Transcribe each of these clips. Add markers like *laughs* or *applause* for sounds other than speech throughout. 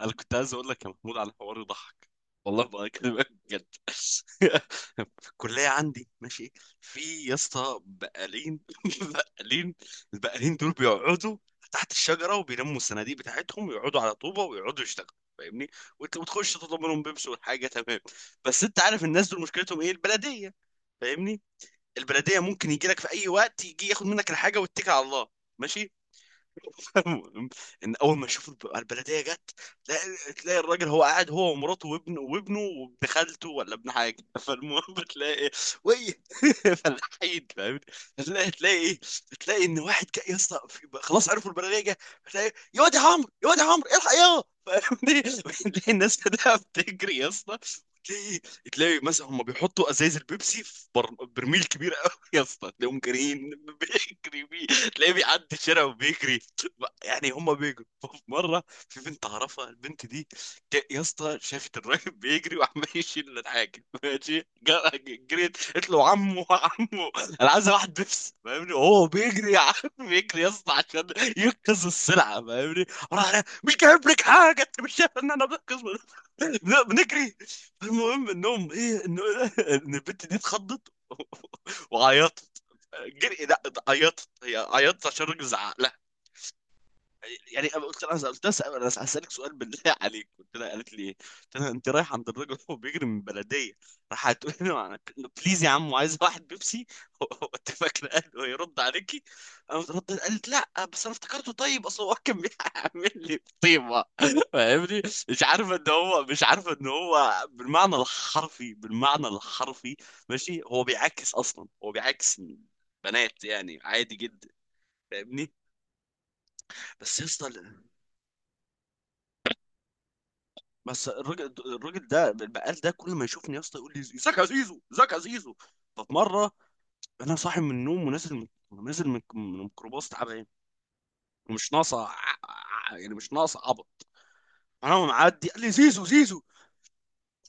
انا كنت عايز اقول لك يا محمود على حوار يضحك. والله بكلمك بجد. *laughs* في الكليه عندي، ماشي؟ في يا اسطى بقالين، *laughs* بقالين. البقالين دول بيقعدوا تحت الشجره وبيلموا الصناديق بتاعتهم ويقعدوا على طوبه ويقعدوا يشتغلوا، فاهمني؟ وانت بتخش تطلب منهم بيبسي والحاجه تمام. بس انت عارف الناس دول مشكلتهم ايه؟ البلديه، فاهمني؟ البلديه ممكن يجي لك في اي وقت، يجي ياخد منك الحاجه ويتكل على الله، ماشي؟ *laughs* ان اول ما يشوفوا البلديه جت، تلاقي الراجل هو قاعد، هو ومراته وابنه وابن خالته ولا ابن حاجه. *laughs* فالمهم بتلاقي إيه؟ وي. *laughs* فالحيد، فاهم؟ تلاقي إيه؟ تلاقي ان واحد جاي يا اسطى خلاص عرفوا البلديه جايه. تلاقي يا واد يا عمرو، يا واد يا عمرو الحق، يا فاهمني. *laughs* تلاقي الناس كلها بتجري يا اسطى. تلاقي إيه؟ تلاقي مثلا هم بيحطوا ازايز البيبسي في برميل كبير قوي يا اسطى، تلاقيهم جاريين. *laughs* بيجري بيه، تلاقيه بيعدي شارع وبيجري. يعني هما بيجروا. في مره في بنت اعرفها، البنت دي يا اسطى شافت الراجل بيجري وعمال يشيل الحاجه ماشي، جريت قلت له عمو عمو، انا عايز واحد بيبسي، فاهمني؟ وهو بيجري يا عم، بيجري يا اسطى عشان ينقذ السلعه، فاهمني؟ راح أنا مش جايب لك حاجه، انت مش شايف ان انا بنقذ؟ لا، بنجري. المهم انهم ايه، انه ان البنت دي اتخضت *laughs* وعيطت. جري لا، عيطت. هي عيطت عشان الراجل زعق. يعني انا قلت لها، انا هسالك سؤال بالله *laughs* عليك. قلت لها، قالت لي ايه؟ قلت لها انت رايح عند الراجل وهو بيجري من البلديه، راح هتقول له بليز يا عم عايز واحد بيبسي؟ *laughs* هو انت فاكره قال هيرد عليكي؟ انا ردت، قالت لا بس انا افتكرته، طيب اصل هو كان بيعمل لي طيبه، فاهمني؟ مش عارفه ان هو، مش عارفه ان هو بالمعنى الحرفي، بالمعنى الحرفي، ماشي؟ هو بيعاكس اصلا، هو بيعاكس بنات يعني، عادي جدا، فاهمني؟ بس يا اسطى، بس الراجل، الراجل ده البقال ده كل ما يشوفني يا اسطى يقول لي ازيك يا زيزو، ازيك يا زيزو. ففي مره انا صاحي من النوم ونازل، نازل من الميكروباص تعبان ومش ناقصه يعني مش ناقصه عبط. انا معدي قال لي زيزو زيزو،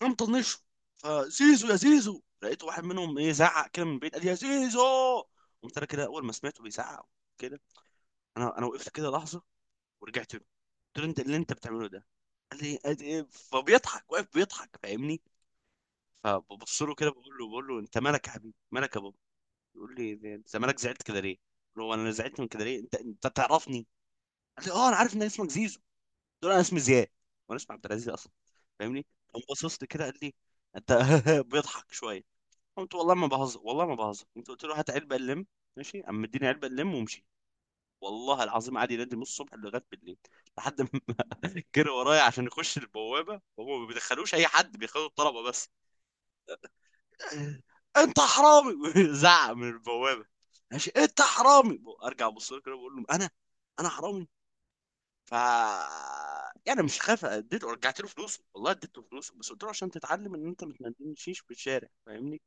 انا مطنشه. فزيزو يا زيزو، لقيت واحد منهم ايه زعق كده من بعيد قال لي يا زيزو. قمت انا كده اول ما سمعته بيزعق كده، انا وقفت كده لحظه ورجعت له، قلت له انت اللي انت بتعمله ده؟ قال لي إيه؟ فبيضحك، واقف بيضحك، فاهمني؟ فببص له كده، بقول له انت مالك يا حبيبي، مالك يا بابا؟ يقول لي انت مالك زعلت كده ليه؟ بقول له انا زعلت من كده ليه؟ انت تعرفني؟ قال لي اه، انا عارف ان اسمك زيزو. قلت له انا اسمي زياد، وانا اسمي عبد العزيز اصلا، فاهمني؟ قام باصص لي كده قال لي انت. *laughs* بيضحك شويه. قلت والله ما بهزر، والله ما بهزر انت. قلت له هات علبه اللم، ماشي. قام مديني علبه اللم ومشي. والله العظيم قعد ينادي من الصبح لغايه بالليل، لحد ما *laughs* جري ورايا عشان يخش البوابه، وهو ما بيدخلوش اي حد، بياخدوا الطلبه بس. انت حرامي! *laughs* زعق من البوابه، ماشي، انت حرامي. ارجع ابص له كده بقول له انا، انا حرامي؟ ف، يعني مش خايف. اديته، رجعت له فلوسه، والله اديته فلوسه، بس قلت له عشان تتعلم ان انت ما تندمشيش في الشارع، فاهمني؟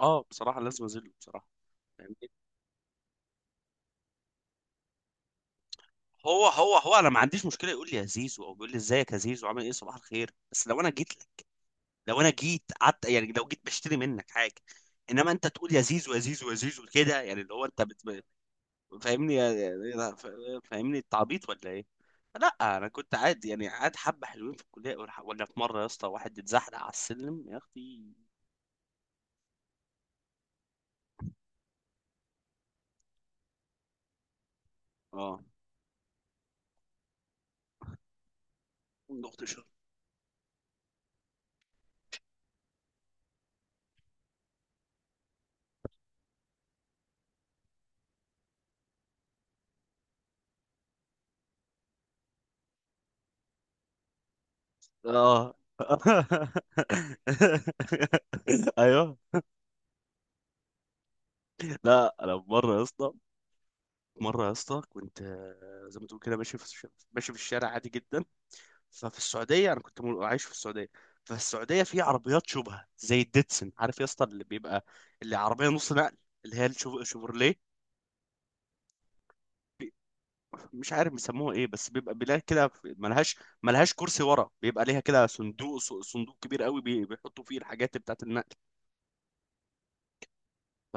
اه، بصراحه لازم اذله بصراحه، فاهمني؟ هو انا ما عنديش مشكله يقول لي يا زيزو، او بيقول لي ازيك يا زيزو، عامل ايه، صباح الخير. بس لو انا جيت لك، لو انا جيت قعدت يعني، لو جيت بشتري منك حاجه. انما انت تقول يا زيزو يا زيزو يا زيزو كده، يعني اللي هو انت بت... فاهمني يعني- فاهمني التعبيط ولا ايه؟ لا انا كنت عادي يعني قاعد، حبه حلوين في الكليه. ولا في مره يا اسطى واحد اتزحلق على السلم، يا اختي! اه، اختي شر. اه. *laughs* ايوه. لا انا في مره يا اسطى، في مره يا اسطى كنت زي ما تقول كده ماشي في ماشي في الشارع عادي جدا. ففي السعوديه انا كنت عايش في السعوديه. ففي السعوديه في عربيات شبهه زي الديتسن، عارف يا اسطى؟ اللي بيبقى، اللي عربيه نص نقل، اللي هي الشوفرليه. مش عارف بيسموها ايه بس بيبقى بيلاقي كده ملهاش، ملهاش كرسي ورا، بيبقى ليها كده صندوق، صندوق كبير قوي، بيحطوا فيه الحاجات بتاعت النقل. ف...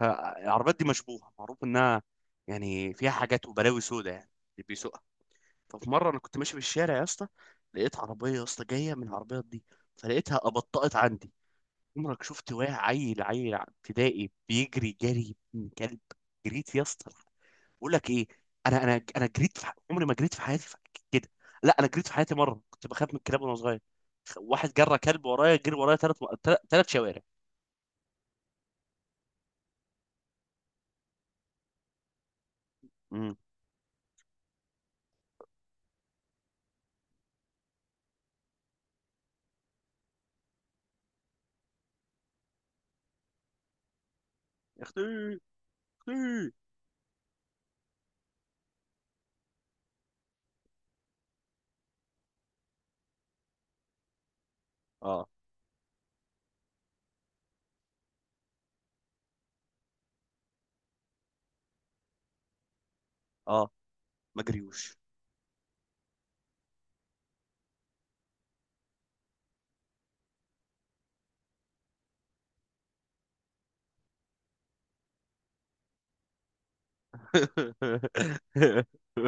فالعربيات دي مشبوهه، معروف انها يعني فيها حاجات وبلاوي سودة يعني اللي بيسوقها. ففي مره انا كنت ماشي في الشارع يا اسطى، لقيت عربيه يا اسطى جايه من العربيات دي، فلقيتها ابطأت عندي. عمرك شفت واحد عيل، عيل ابتدائي بيجري جري من كلب؟ جريت يا اسطى، بقول لك ايه، انا جريت عمري ما جريت في حياتي كده. لا انا جريت في حياتي مره، كنت بخاف من الكلاب وانا صغير. واحد جرى كلب ورايا، جري ورايا ثلاث شوارع. امم يا اختي، يا اختي! اه. اه، ما جريوش. *laughs*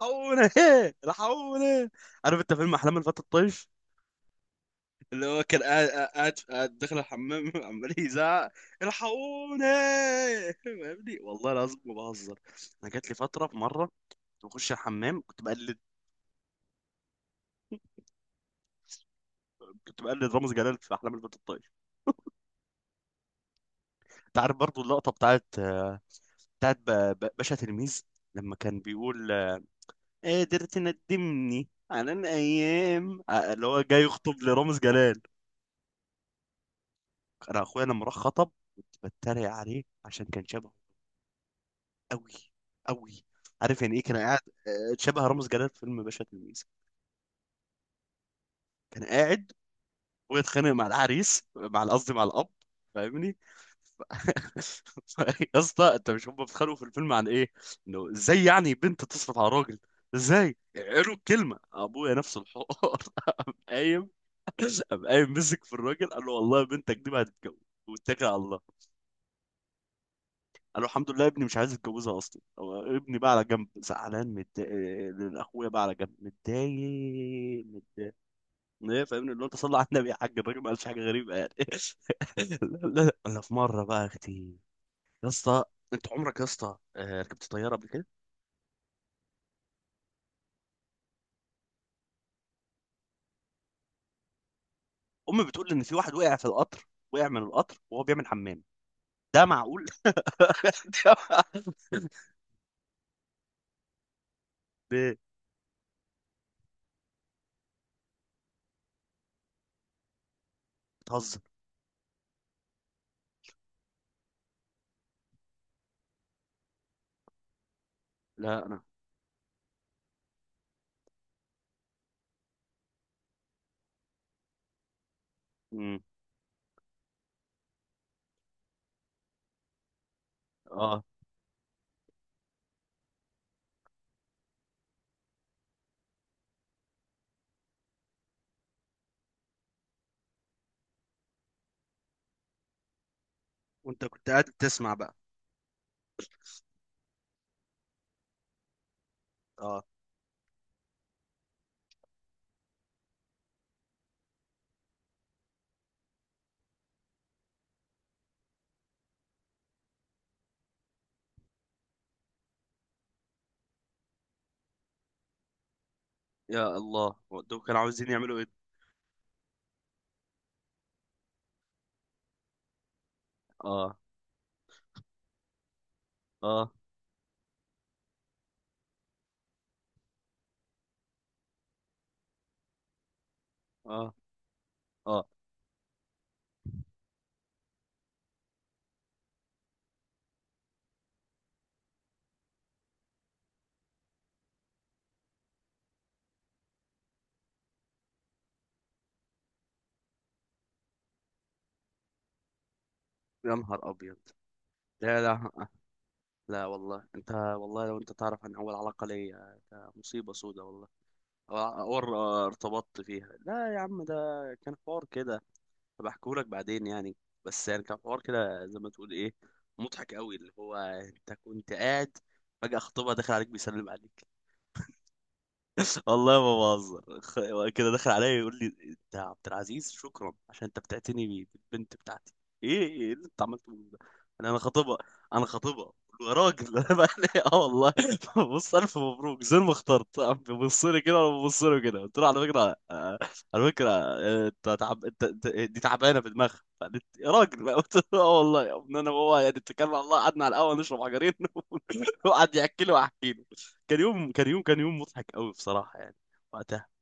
الحقوني، الحقوني! عارف انت فيلم احلام الفتى الطيش؟ اللي هو كان قاعد داخل الحمام، *laughs* عمال يزعق الحقوني، فاهمني؟ *laughs* والله العظيم ما بهزر، انا جات لي فتره في مره كنت بخش الحمام كنت بقلد، كنت بقلد رامز جلال في احلام البنت الطايش. انت عارف برضو اللقطه بتاعت بتاعت باشا تلميذ، لما كان بيقول قادر تندمني على الايام، اللي هو جاي يخطب لرامز جلال. انا اخويا لما راح خطب كنت بتريق عليه عشان كان شبهه قوي، قوي. عارف يعني ايه؟ كان قاعد شبه رامز جلال في فيلم باشا تلميذ، كان قاعد واتخانق مع العريس، مع قصدي مع الاب، فاهمني؟ ف- *laughs* يا اسطى انت مش هم بيتخانقوا في الفيلم عن ايه؟ انه ازاي يعني بنت تصرف على راجل؟ ازاي قالوا الكلمه؟ ابويا نفس الحوار. *laughs* قام قايم قام قايم مسك في الراجل قال له والله بنتك دي ما هتتجوز، واتكل على الله. قال له الحمد لله، ابني مش عايز يتجوزها اصلا. هو ابني بقى على جنب زعلان متضايق، اخويا بقى على جنب متضايق. ايه، فاهمني؟ اللي هو انت صلى على النبي يا حاج، الراجل ما قالش حاجه غريبه يعني. *laughs* لا انا في مره بقى، يا اختي، يا اسطى، انت عمرك يا اسطى ركبت طياره قبل كده؟ امي بتقول ان في واحد وقع في القطر، وقع من القطر وهو بيعمل حمام. ده معقول؟ *laughs* ده معقول؟ ليه؟ بتهزر؟ لا انا. امم. اه. وانت كنت قاعد بتسمع بقى. اه. يا الله، دول كانوا عاوزين يعملوا ايه؟ اه. اه. اه. اه. يا نهار ابيض. لا لا، لا والله، انت والله لو انت تعرف عن اول علاقة ليا، ده مصيبة سودة والله. او، ارتبطت فيها، لا يا عم ده كان حوار كده، بحكيهولك بعدين يعني. بس يعني كان حوار كده زي ما تقول ايه، مضحك قوي. اللي هو انت كنت قاعد، فجأة خطيبها داخل عليك بيسلم عليك. والله ما بهزر، كده دخل عليا يقول لي انت يا عبد العزيز شكرا عشان انت بتعتني بالبنت بتاعتي. ايه ايه، إيه اللي انت عملته من ده؟ انا، انا خطيبها. قلت له يا راجل، *laughs* انا بقى اه والله. *laughs* بص الف مبروك زي ما اخترت. قام بيبص لي كده وانا ببص له كده، قلت له على فكره على فكره انت تعب، دي تعبانه في دماغها. فقالت يا راجل، *laughs* بقى قلت له اه والله يا ابني انا وهو يعني اتكلنا على الله، قعدنا على القهوه نشرب حجرين *laughs* وقعد يحكي لي واحكي له. كان يوم مضحك قوي بصراحة يعني، وقتها.